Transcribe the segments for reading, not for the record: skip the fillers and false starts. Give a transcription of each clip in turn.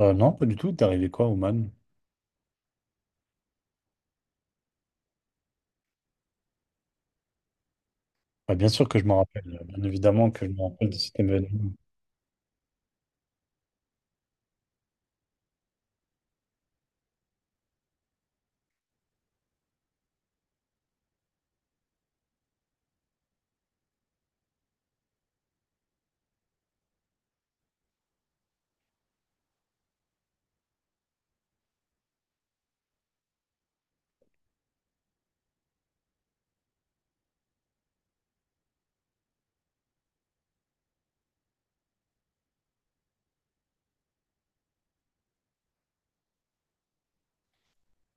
Non, pas du tout. T'es arrivé quoi, Oman? Bah, bien sûr que je m'en rappelle. Bien évidemment que je me rappelle de cet événement.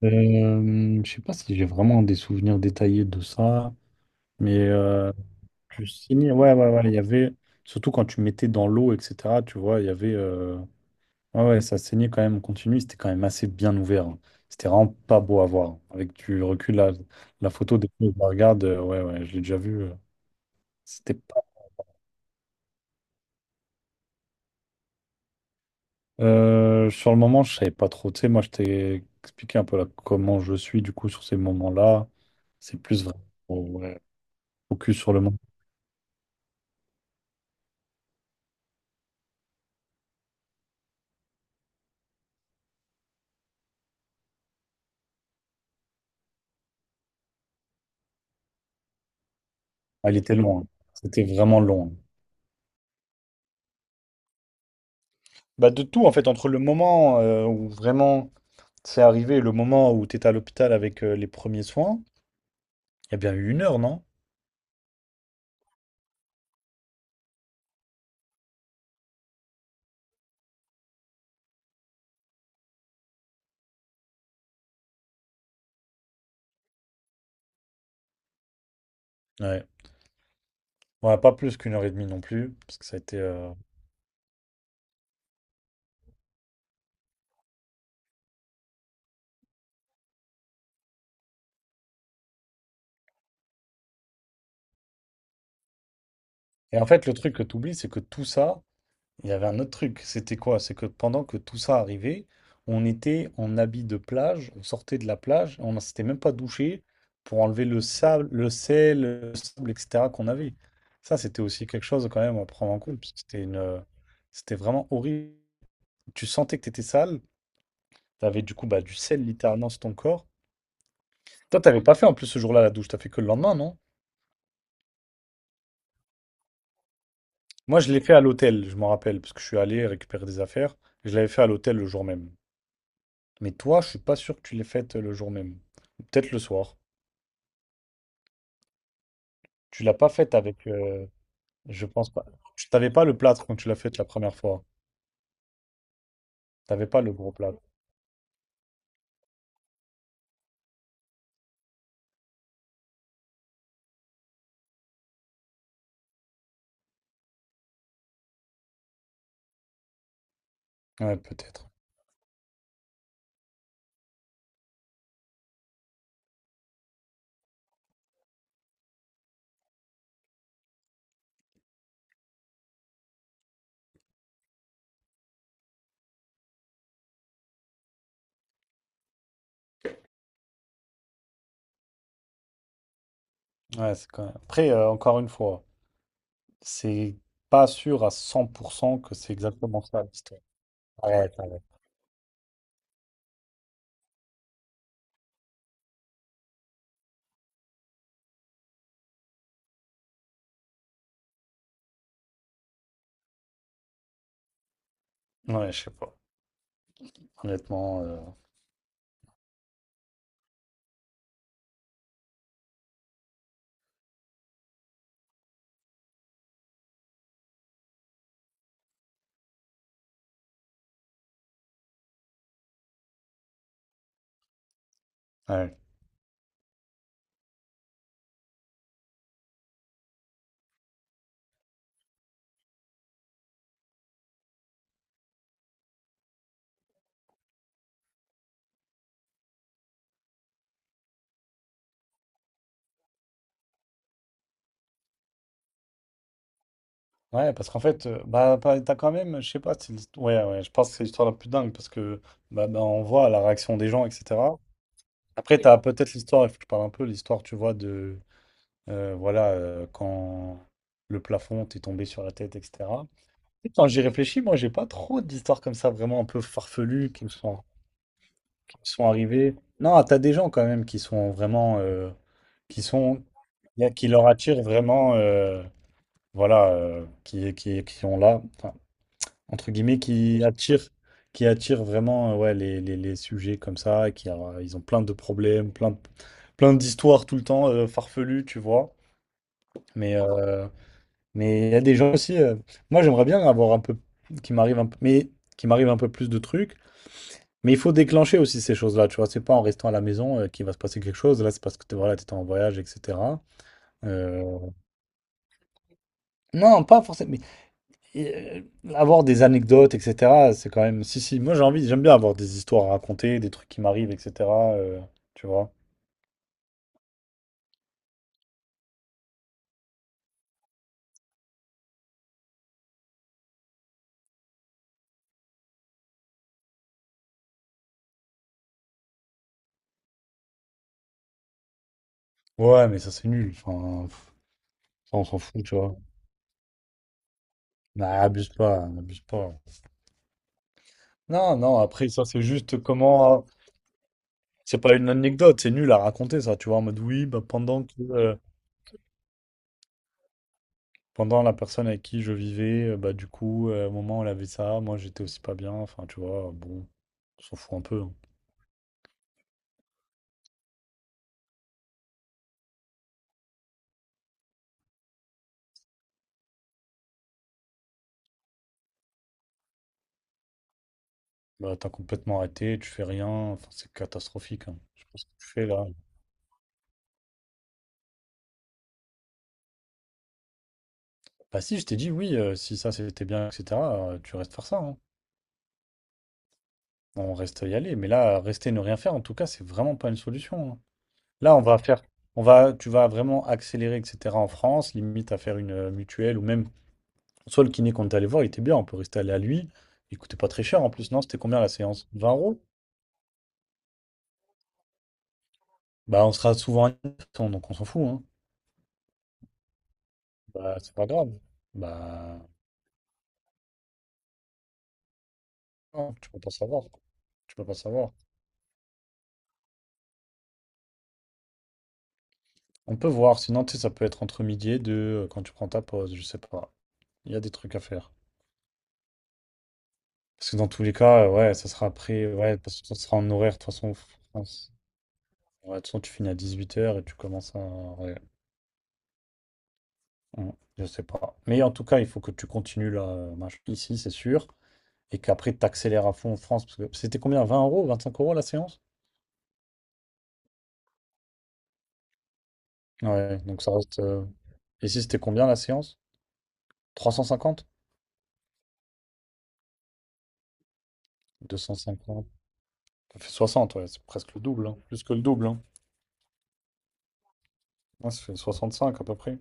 Je sais pas si j'ai vraiment des souvenirs détaillés de ça, mais Ouais, ouais, ouais. Il y avait, surtout quand tu mettais dans l'eau, etc., tu vois, il y avait. Ouais, ouais, ça saignait quand même en continu. C'était quand même assez bien ouvert, hein. C'était vraiment pas beau à voir. Avec du recul, la photo, des fois, je la regarde. Ouais, ouais, je l'ai déjà vu. C'était sur le moment, je savais pas trop. Tu sais, moi, je t'ai expliqué un peu là, comment je suis, du coup, sur ces moments-là. C'est plus vraiment ouais, Focus sur le moment. Ah, il était long, hein. C'était vraiment long, hein. Bah de tout en fait, entre le moment où vraiment c'est arrivé et le moment où t'étais à l'hôpital avec les premiers soins, il y a bien eu une heure, non? Ouais. Ouais, pas plus qu'une heure et demie non plus, parce que ça a été. Et en fait, le truc que t'oublies, c'est que tout ça, il y avait un autre truc, c'était quoi? C'est que pendant que tout ça arrivait, on était en habit de plage, on sortait de la plage, on ne s'était même pas douché pour enlever le sable, le sel, le sable, etc. qu'on avait. Ça, c'était aussi quelque chose quand même à prendre en compte, parce que c'était vraiment horrible. Tu sentais que tu étais sale, tu avais du coup bah, du sel littéralement sur ton corps. Toi, t'avais pas fait en plus ce jour-là la douche, t'as fait que le lendemain, non? Moi, je l'ai fait à l'hôtel, je m'en rappelle, parce que je suis allé récupérer des affaires. Je l'avais fait à l'hôtel le jour même. Mais toi, je suis pas sûr que tu l'aies faite le jour même. Peut-être le soir. Tu l'as pas faite avec. Je pense pas. Tu t'avais pas le plâtre quand tu l'as faite la première fois. T'avais pas le gros plâtre. Ouais, peut-être. Ouais, c'est quand Après, encore une fois, c'est pas sûr à 100% que c'est exactement ça l'histoire. Ouais, ouais. Ouais, je sais pas. Honnêtement, ouais. Ouais, parce qu'en fait, bah, t'as quand même, je sais pas, ouais, ouais, je pense que c'est l'histoire la plus dingue parce que bah, on voit la réaction des gens, etc. Après, t'as peut-être l'histoire, il faut que je parle un peu, l'histoire, tu vois, de voilà, quand le plafond t'est tombé sur la tête, etc. Et quand j'y réfléchis, moi, j'ai pas trop d'histoires comme ça vraiment un peu farfelues qui me sont arrivées. Non, t'as des gens quand même qui sont vraiment, qui qui leur attirent vraiment, voilà, qui ont là. Enfin, entre guillemets, qui attire vraiment ouais, les sujets comme ça, et qui ils ont plein de problèmes, plein d'histoires tout le temps farfelues, tu vois. Mais euh, mais il y a des gens aussi. Moi, j'aimerais bien avoir un peu qui m'arrive un peu, mais qui m'arrive un peu plus de trucs. Mais il faut déclencher aussi ces choses-là, tu vois. C'est pas en restant à la maison qu'il va se passer quelque chose. Là, c'est parce que t'es, voilà, t'étais en voyage, etc. Euh, non, pas forcément. Et avoir des anecdotes, etc., c'est quand même. Si, si, moi j'ai envie, j'aime bien avoir des histoires à raconter, des trucs qui m'arrivent, etc., euh, tu vois. Ouais, mais ça c'est nul. Enfin, pff, ça on s'en fout, tu vois. Nah, abuse pas. Non, après ça c'est juste comment. C'est pas une anecdote, c'est nul à raconter ça, tu vois. En mode oui, bah, pendant que. Pendant la personne avec qui je vivais, bah du coup, à un moment elle avait ça, moi j'étais aussi pas bien, enfin tu vois, bon, on s'en fout un peu, hein. Bah, t'as complètement arrêté, tu fais rien, enfin, c'est catastrophique, hein. Je sais pas ce que tu fais là. Bah, si, je t'ai dit oui, si ça c'était bien, etc., tu restes faire ça, hein. On reste y aller. Mais là, rester et ne rien faire, en tout cas, c'est vraiment pas une solution, hein. Là, on va, tu vas vraiment accélérer, etc., en France, limite à faire une mutuelle ou même, soit le kiné qu'on est allé voir, il était bien, on peut rester allé à lui. Il coûtait pas très cher en plus, non? C'était combien la séance? 20 euros? Bah, on sera souvent à 900, donc on s'en fout, hein. Bah, c'est pas grave. Bah. Non, tu peux pas savoir. Tu peux pas savoir. On peut voir, sinon, tu sais, ça peut être entre midi et deux, quand tu prends ta pause, je sais pas. Il y a des trucs à faire. Parce que dans tous les cas, ouais, ça sera après, ouais, parce que ça sera en horaire, de toute façon, France. Ouais, de toute façon, tu finis à 18 h et tu commences à. Ouais, ouais, je sais pas. Mais en tout cas, il faut que tu continues là, ici, c'est sûr. Et qu'après, tu accélères à fond en France. Parce que c'était combien? Vingt euros, 25 € la séance? Ouais, donc ça reste. Ici, c'était combien la séance? 350. 250. Ça fait 60, ouais, c'est presque le double, hein, plus que le double, hein. Ouais, ça fait 65 à peu près.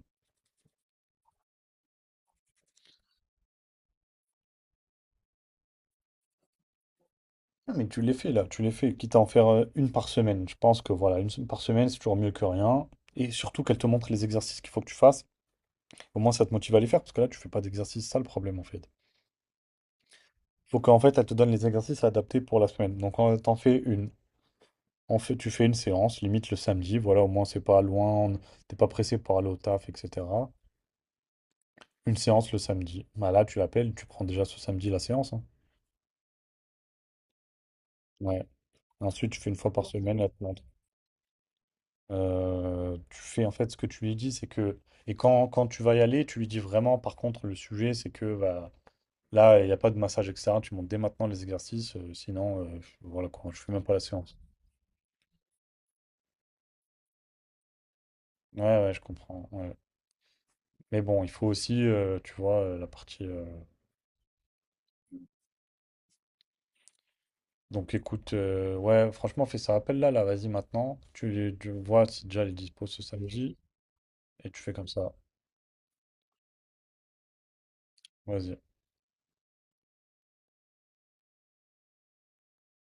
Ah, mais tu l'es fait là, tu l'es fait, quitte à en faire une par semaine. Je pense que voilà, une semaine par semaine, c'est toujours mieux que rien. Et surtout qu'elle te montre les exercices qu'il faut que tu fasses. Au moins, ça te motive à les faire, parce que là, tu fais pas d'exercice, c'est ça le problème en fait. Il faut qu'en fait, elle te donne les exercices adaptés pour la semaine. Donc, on t'en fais une. En fait, tu fais une séance, limite le samedi, voilà, au moins c'est pas loin, on- t'es pas pressé pour aller au taf, etc. Une séance le samedi. Bah là, tu l'appelles, tu prends déjà ce samedi la séance, hein. Ouais. Ensuite, tu fais une fois par semaine la plante. Tu fais en fait ce que tu lui dis, c'est que. Et quand tu vas y aller, tu lui dis vraiment, par contre, le sujet, c'est que bah, là, il n'y a pas de massage, etc. Tu montes dès maintenant les exercices, sinon, voilà quoi, je fais même pas la séance. Ouais, ouais, je comprends, ouais. Mais bon, il faut aussi, tu vois, la partie. Donc écoute, ouais, franchement, fais ça. Appelle-la, là, vas-y maintenant. Tu vois si déjà elle est dispo ce samedi, et tu fais comme ça. Vas-y.